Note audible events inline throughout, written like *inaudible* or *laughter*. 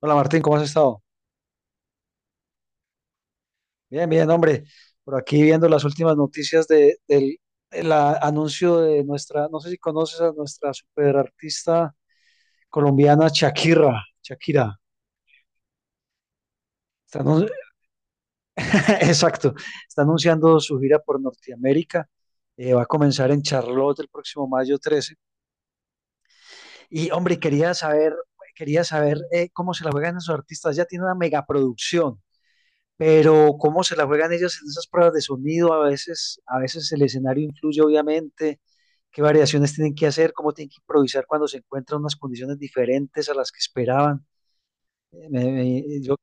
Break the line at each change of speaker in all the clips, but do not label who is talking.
Hola Martín, ¿cómo has estado? Bien, bien, hombre. Por aquí viendo las últimas noticias del anuncio de nuestra, no sé si conoces a nuestra superartista colombiana Shakira. Shakira. Está anun- *laughs* Exacto. Está anunciando su gira por Norteamérica. Va a comenzar en Charlotte el próximo mayo 13. Y hombre, quería saber cómo se la juegan esos artistas. Ya tiene una megaproducción. Pero cómo se la juegan ellos en esas pruebas de sonido, a veces el escenario influye, obviamente, qué variaciones tienen que hacer, cómo tienen que improvisar cuando se encuentran unas condiciones diferentes a las que esperaban. Yo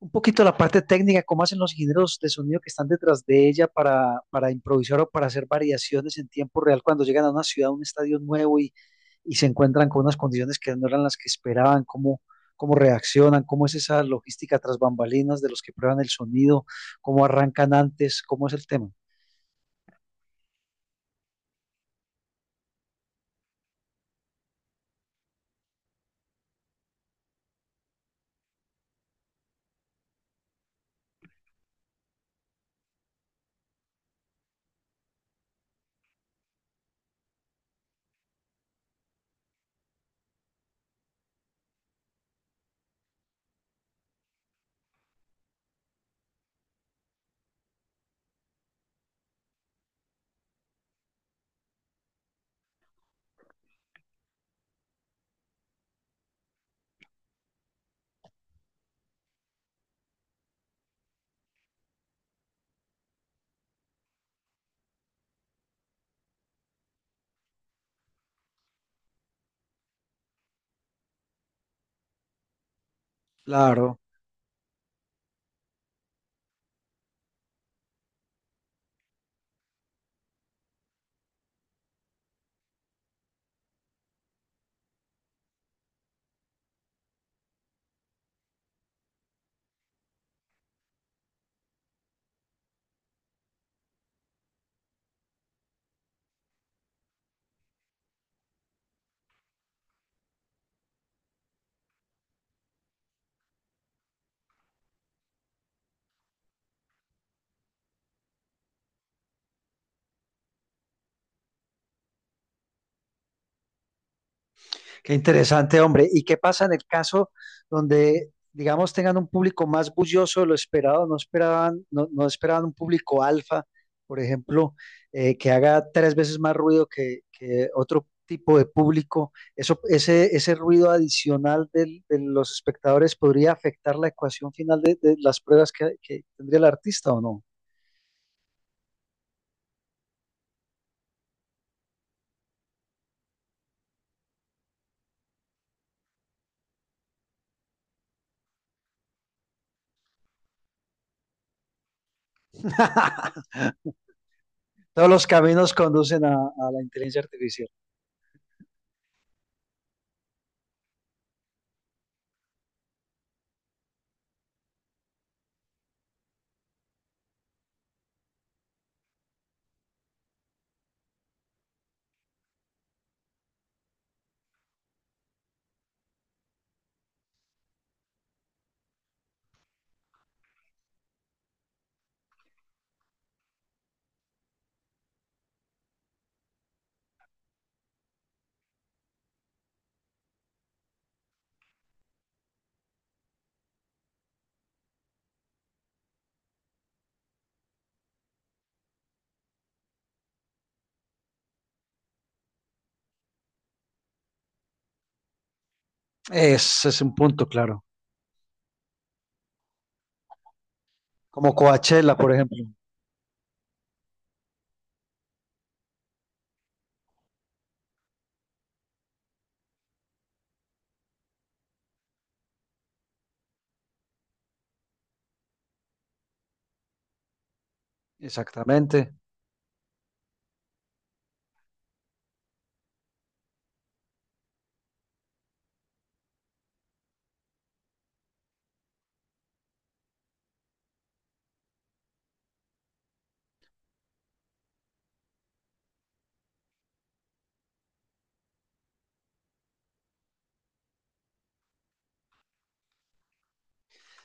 un poquito la parte técnica, cómo hacen los ingenieros de sonido que están detrás de ella para improvisar o para hacer variaciones en tiempo real cuando llegan a una ciudad, a un estadio nuevo y se encuentran con unas condiciones que no eran las que esperaban, cómo, reaccionan, cómo es esa logística tras bambalinas de los que prueban el sonido, cómo arrancan antes, cómo es el tema. Claro. Qué interesante, hombre. ¿Y qué pasa en el caso donde, digamos, tengan un público más bullicioso de lo esperado? No esperaban un público alfa, por ejemplo, que haga tres veces más ruido que, otro tipo de público. Eso, ese ruido adicional de los espectadores podría afectar la ecuación final de las pruebas que, tendría el artista o no. *laughs* Todos los caminos conducen a la inteligencia artificial. Ese es un punto, claro. Como Coachella, por ejemplo. Exactamente.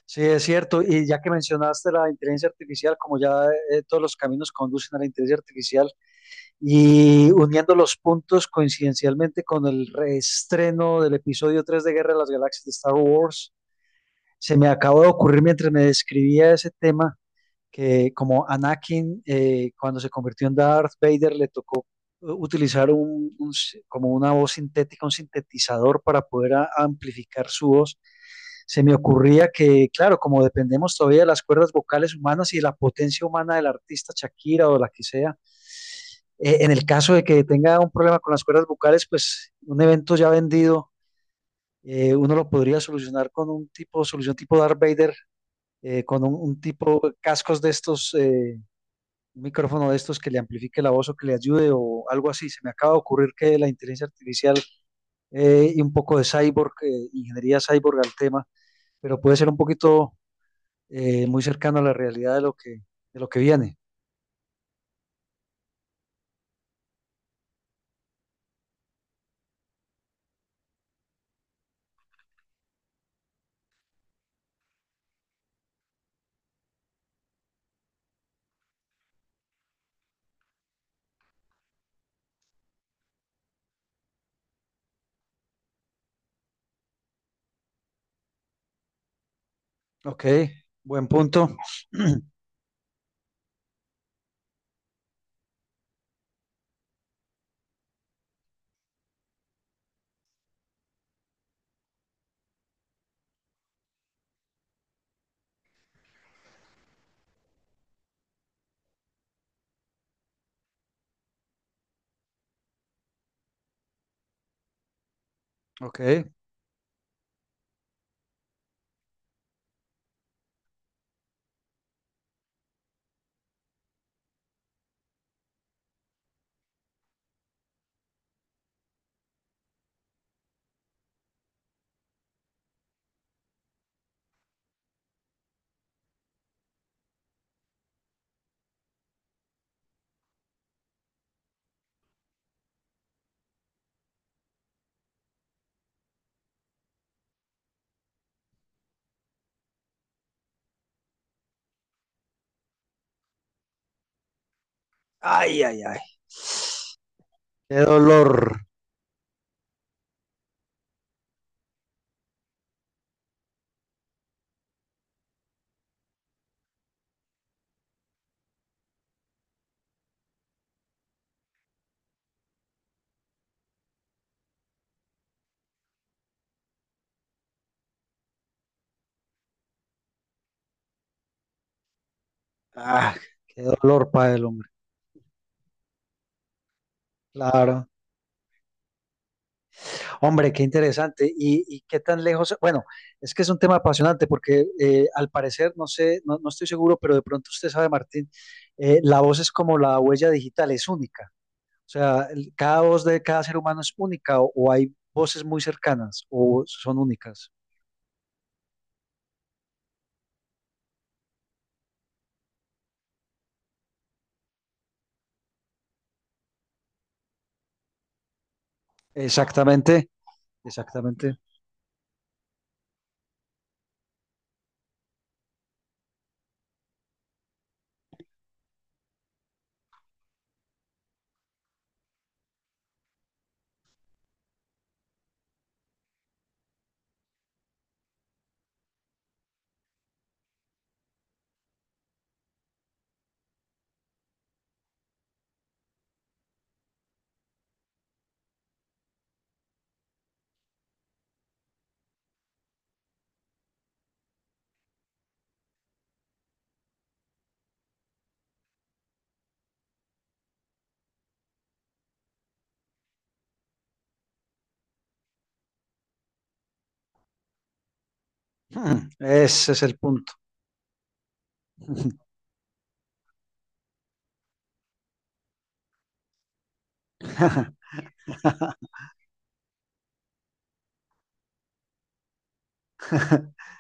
Sí, es cierto. Y ya que mencionaste la inteligencia artificial, como ya todos los caminos conducen a la inteligencia artificial, y uniendo los puntos coincidencialmente con el reestreno del episodio 3 de Guerra de las Galaxias de Star Wars, se me acabó de ocurrir mientras me describía ese tema que como Anakin cuando se convirtió en Darth Vader le tocó utilizar como una voz sintética, un sintetizador para poder amplificar su voz. Se me ocurría que, claro, como dependemos todavía de las cuerdas vocales humanas y de la potencia humana del artista Shakira o la que sea, en el caso de que tenga un problema con las cuerdas vocales, pues un evento ya vendido, uno lo podría solucionar con un tipo, solución tipo Darth Vader, con un tipo cascos de estos un micrófono de estos que le amplifique la voz o que le ayude o algo así. Se me acaba de ocurrir que la inteligencia artificial y un poco de cyborg, ingeniería cyborg al tema, pero puede ser un poquito muy cercano a la realidad de lo que, viene. Ok, buen punto. *clears throat* Ok. Ay, ay, ay. Qué dolor. Ah, Qué dolor para el hombre. Claro. Hombre, qué interesante. ¿Y qué tan lejos? Bueno, es que es un tema apasionante porque al parecer, no sé, no estoy seguro, pero de pronto usted sabe, Martín, la voz es como la huella digital, es única. O sea, cada voz de cada ser humano es única o, hay voces muy cercanas o son únicas. Exactamente, exactamente. Ese es el punto. *laughs*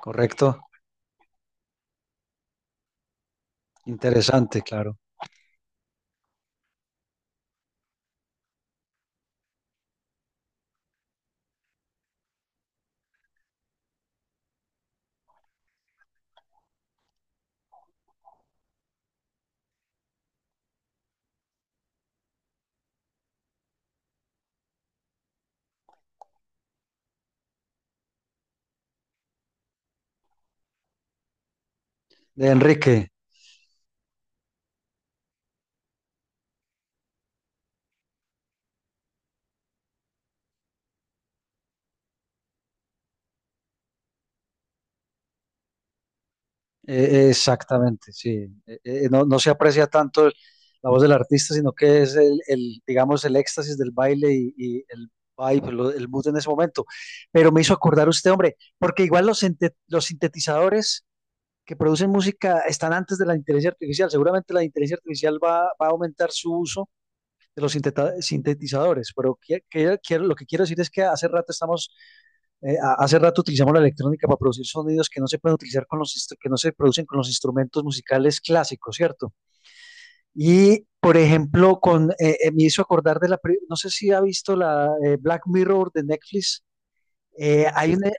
Correcto. Interesante, claro. De Enrique. Exactamente, sí. No, se aprecia tanto la voz del artista, sino que es el, digamos, el éxtasis del baile y el vibe, el mood en ese momento. Pero me hizo acordar usted, hombre, porque igual los sintetizadores que producen música están antes de la inteligencia artificial. Seguramente la inteligencia artificial va a aumentar su uso de los sintetizadores, pero lo que quiero decir es que hace rato utilizamos la electrónica para producir sonidos que no se pueden utilizar que no se producen con los instrumentos musicales clásicos, ¿cierto? Y por ejemplo, con me hizo acordar no sé si ha visto la Black Mirror de Netflix. Hay una,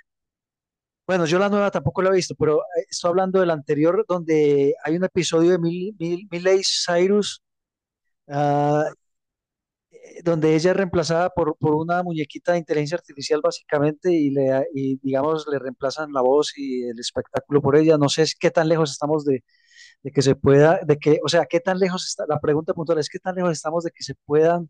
bueno, yo la nueva tampoco la he visto, pero estoy hablando del anterior donde hay un episodio de Miley Cyrus, ah, donde ella es reemplazada por una muñequita de inteligencia artificial básicamente y digamos le reemplazan la voz y el espectáculo por ella. No sé qué tan lejos estamos de, de que se pueda, o sea, qué tan lejos está, la pregunta puntual es qué tan lejos estamos de que se puedan,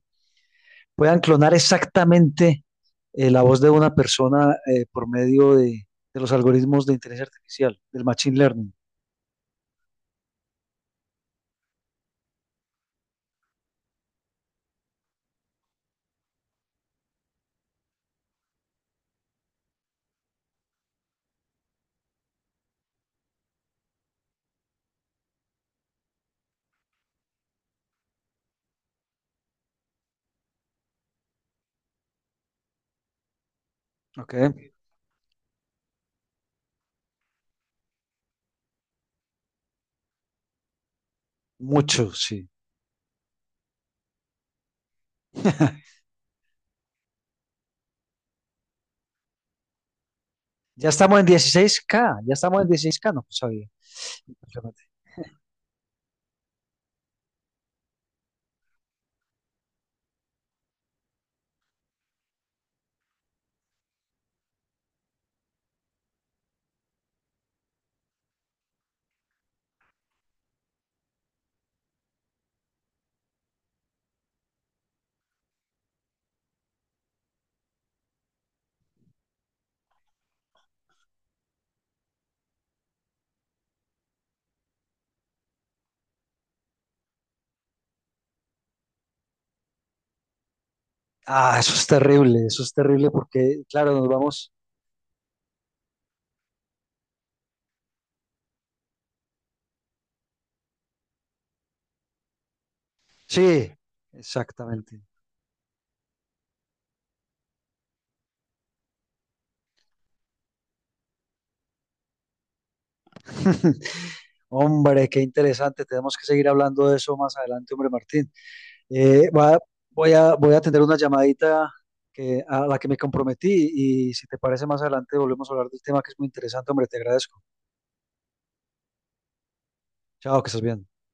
puedan clonar exactamente, la voz de una persona por medio de los algoritmos de inteligencia artificial, del machine learning. Ok, mucho, sí. *laughs* Ya estamos en 16K, ya estamos en 16K, no pues, sabía. Ah, eso es terrible porque, claro, nos vamos. Sí, exactamente. *laughs* Hombre, qué interesante. Tenemos que seguir hablando de eso más adelante, hombre Martín. Eh, va- voy a atender una llamadita, a la que me comprometí, y si te parece más adelante volvemos a hablar del tema que es muy interesante, hombre, te agradezco. Chao, que estés bien.